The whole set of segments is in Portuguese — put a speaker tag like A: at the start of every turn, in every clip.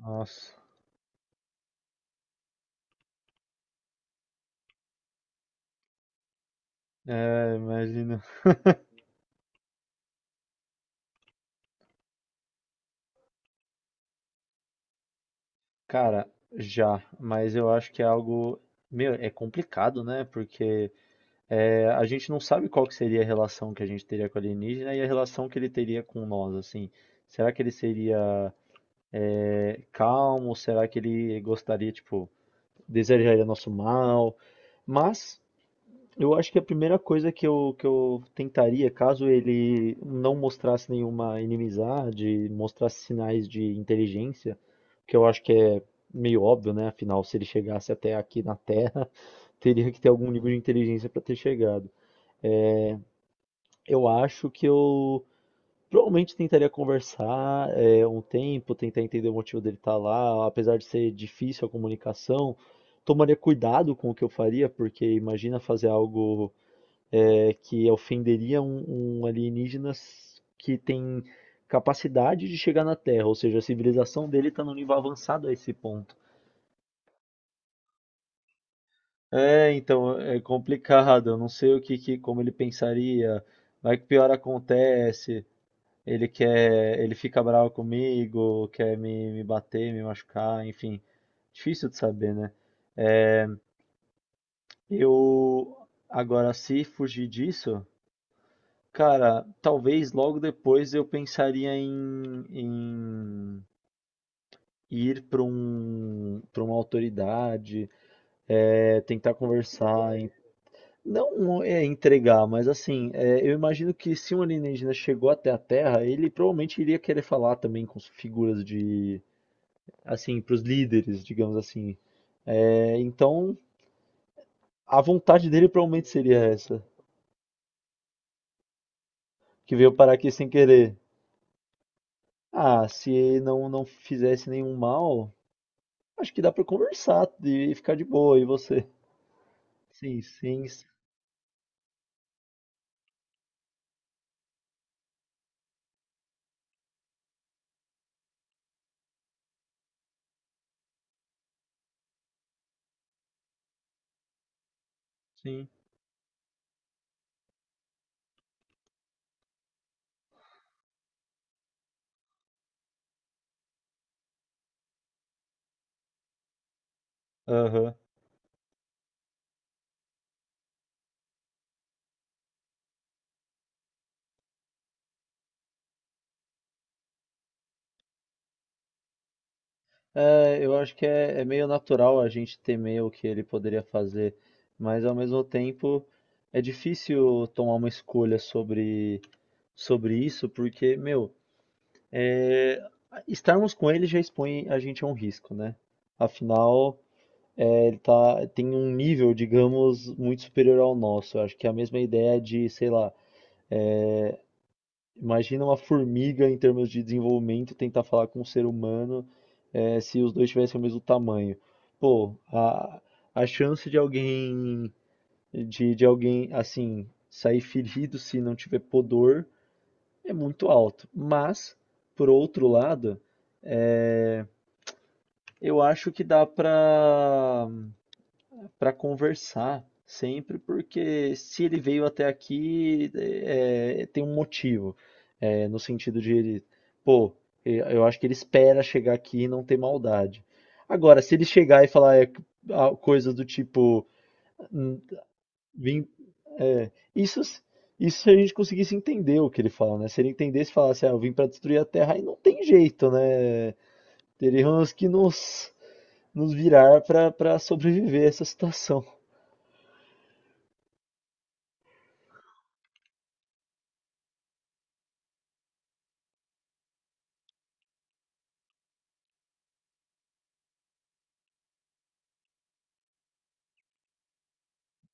A: Nossa. Imagina. Cara, já, mas eu acho que é algo, meu, é complicado, né? Porque a gente não sabe qual que seria a relação que a gente teria com o alienígena e a relação que ele teria com nós, assim. Será que ele seria calmo? Será que ele gostaria, tipo, desejaria nosso mal? Mas eu acho que a primeira coisa que eu tentaria, caso ele não mostrasse nenhuma inimizade, mostrasse sinais de inteligência, que eu acho que é meio óbvio, né? Afinal, se ele chegasse até aqui na Terra, teria que ter algum nível de inteligência para ter chegado. Eu acho que eu provavelmente tentaria conversar um tempo, tentar entender o motivo dele estar lá, apesar de ser difícil a comunicação. Tomaria cuidado com o que eu faria, porque imagina fazer algo que ofenderia um alienígena que tem capacidade de chegar na Terra, ou seja, a civilização dele está num nível avançado a esse ponto. É, então é complicado. Eu não sei o que, que como ele pensaria. Vai que pior acontece. Ele quer, ele fica bravo comigo, quer me bater, me machucar, enfim. Difícil de saber, né? Eu agora, se fugir disso, cara, talvez logo depois eu pensaria em ir para para uma autoridade, tentar conversar, não é entregar, mas assim, é, eu imagino que se um alienígena chegou até a Terra, ele provavelmente iria querer falar também com as figuras de, assim, para os líderes, digamos assim. É, então, a vontade dele provavelmente seria essa, que veio parar aqui sem querer. Ah, se não fizesse nenhum mal. Acho que dá pra conversar e ficar de boa, e você? Sim, sim, sim. Aham. É, eu acho que é meio natural a gente temer o que ele poderia fazer, mas ao mesmo tempo é difícil tomar uma escolha sobre isso, porque, meu, é, estarmos com ele já expõe a gente a um risco, né? Afinal, é, ele tá, tem um nível, digamos, muito superior ao nosso. Eu acho que é a mesma ideia de, sei lá. é, Imagina uma formiga em termos de desenvolvimento tentar falar com um ser humano, se os dois tivessem o mesmo tamanho. Pô, a chance de alguém de alguém assim sair ferido se não tiver pudor é muito alto. Mas, por outro lado, eu acho que dá pra para conversar sempre, porque se ele veio até aqui, é, tem um motivo. É, no sentido de ele, pô, eu acho que ele espera chegar aqui e não ter maldade. Agora, se ele chegar e falar ah, coisas do tipo, "Hum, vim, é, isso se a gente conseguisse entender o que ele fala, né? Se ele entendesse e falasse, ah, eu vim para destruir a Terra, aí não tem jeito, né? Teríamos que nos virar para sobreviver a essa situação.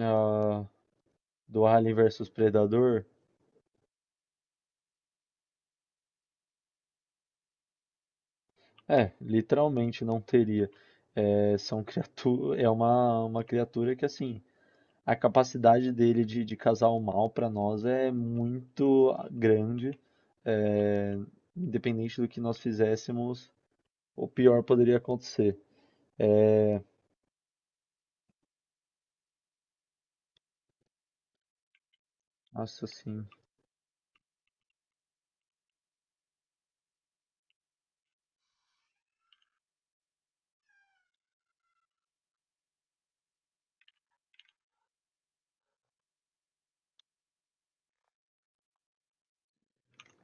A: Ah, do Alien versus Predador, é, literalmente não teria. É, são criatu é uma criatura que, assim, a capacidade dele de causar o mal para nós é muito grande. É, independente do que nós fizéssemos, o pior poderia acontecer. É, nossa, assim,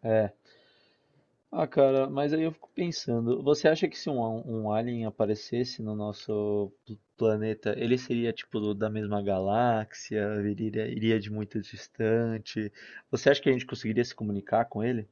A: é, ah, cara, mas aí eu fico pensando, você acha que se um alien aparecesse no nosso planeta, ele seria tipo da mesma galáxia, viria, iria de muito distante? Você acha que a gente conseguiria se comunicar com ele?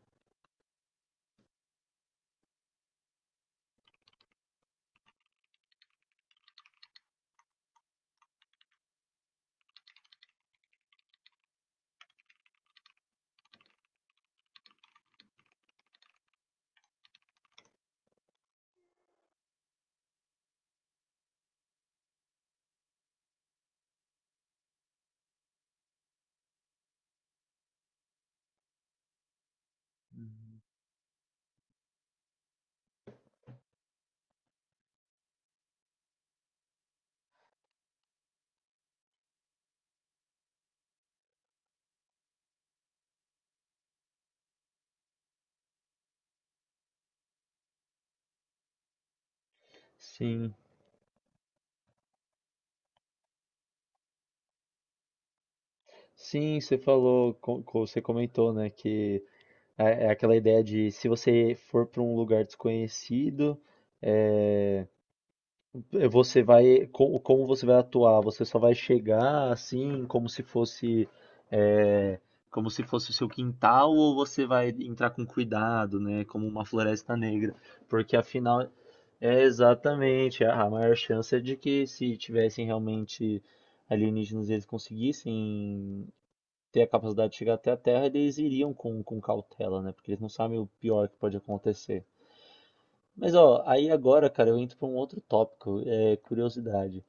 A: Sim, sim, você falou, você comentou, né, que é aquela ideia de se você for para um lugar desconhecido, é, eh, você vai, como você vai atuar? Você só vai chegar assim, como se fosse, eh, como se fosse o seu quintal, ou você vai entrar com cuidado, né? Como uma floresta negra, porque afinal, é exatamente a maior chance é de que se tivessem realmente alienígenas, e eles conseguissem ter a capacidade de chegar até a Terra, eles iriam com cautela, né? Porque eles não sabem o pior que pode acontecer. Mas ó, aí agora, cara, eu entro para um outro tópico, é curiosidade.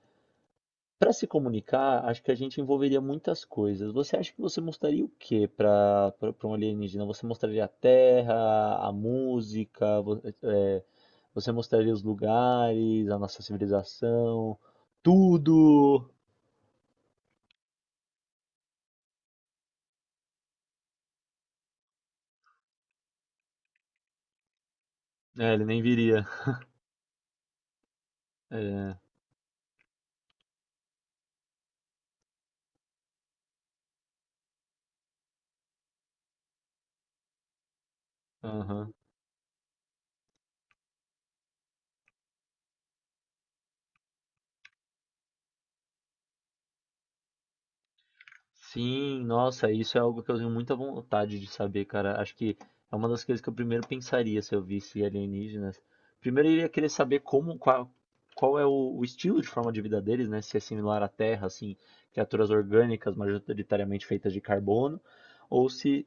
A: Para se comunicar, acho que a gente envolveria muitas coisas. Você acha que você mostraria o quê para um alienígena? Você mostraria a terra, a música, você mostraria os lugares, a nossa civilização, tudo? É, ele nem viria. É, aham. Sim, nossa, isso é algo que eu tenho muita vontade de saber, cara. Acho que é uma das coisas que eu primeiro pensaria se eu visse alienígenas. Primeiro eu iria querer saber como, qual é o estilo de forma de vida deles, né? Se é similar à Terra, assim, criaturas orgânicas majoritariamente feitas de carbono, ou se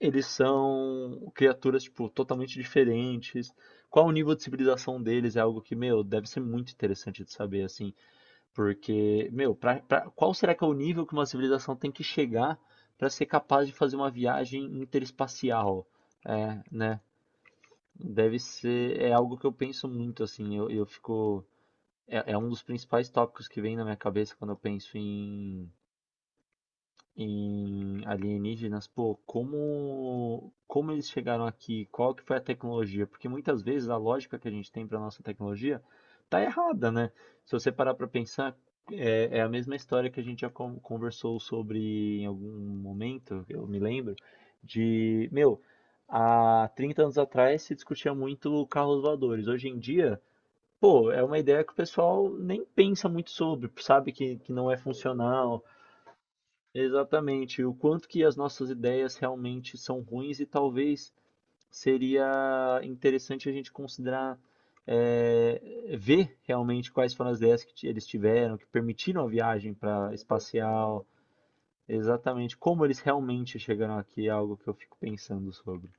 A: eles são criaturas, tipo, totalmente diferentes. Qual o nível de civilização deles? É algo que, meu, deve ser muito interessante de saber, assim. Porque, meu, qual será que é o nível que uma civilização tem que chegar para ser capaz de fazer uma viagem interespacial? É, né? Deve ser, é algo que eu penso muito, assim, eu fico, é, é um dos principais tópicos que vem na minha cabeça quando eu penso em alienígenas, pô, como eles chegaram aqui? Qual que foi a tecnologia? Porque muitas vezes a lógica que a gente tem para nossa tecnologia tá errada, né? Se você parar para pensar, é, é a mesma história que a gente já conversou sobre em algum momento, eu me lembro, de, meu, há 30 anos atrás se discutia muito carros voadores. Hoje em dia, pô, é uma ideia que o pessoal nem pensa muito sobre, sabe que não é funcional. Exatamente. O quanto que as nossas ideias realmente são ruins e talvez seria interessante a gente considerar é, ver realmente quais foram as ideias que eles tiveram, que permitiram a viagem para espacial, exatamente como eles realmente chegaram aqui, é algo que eu fico pensando sobre.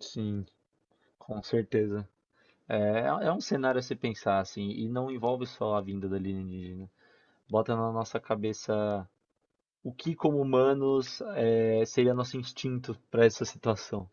A: Sim, com certeza. É, é um cenário a se pensar assim, e não envolve só a vinda da alienígena. Bota na nossa cabeça o que como humanos é, seria nosso instinto para essa situação.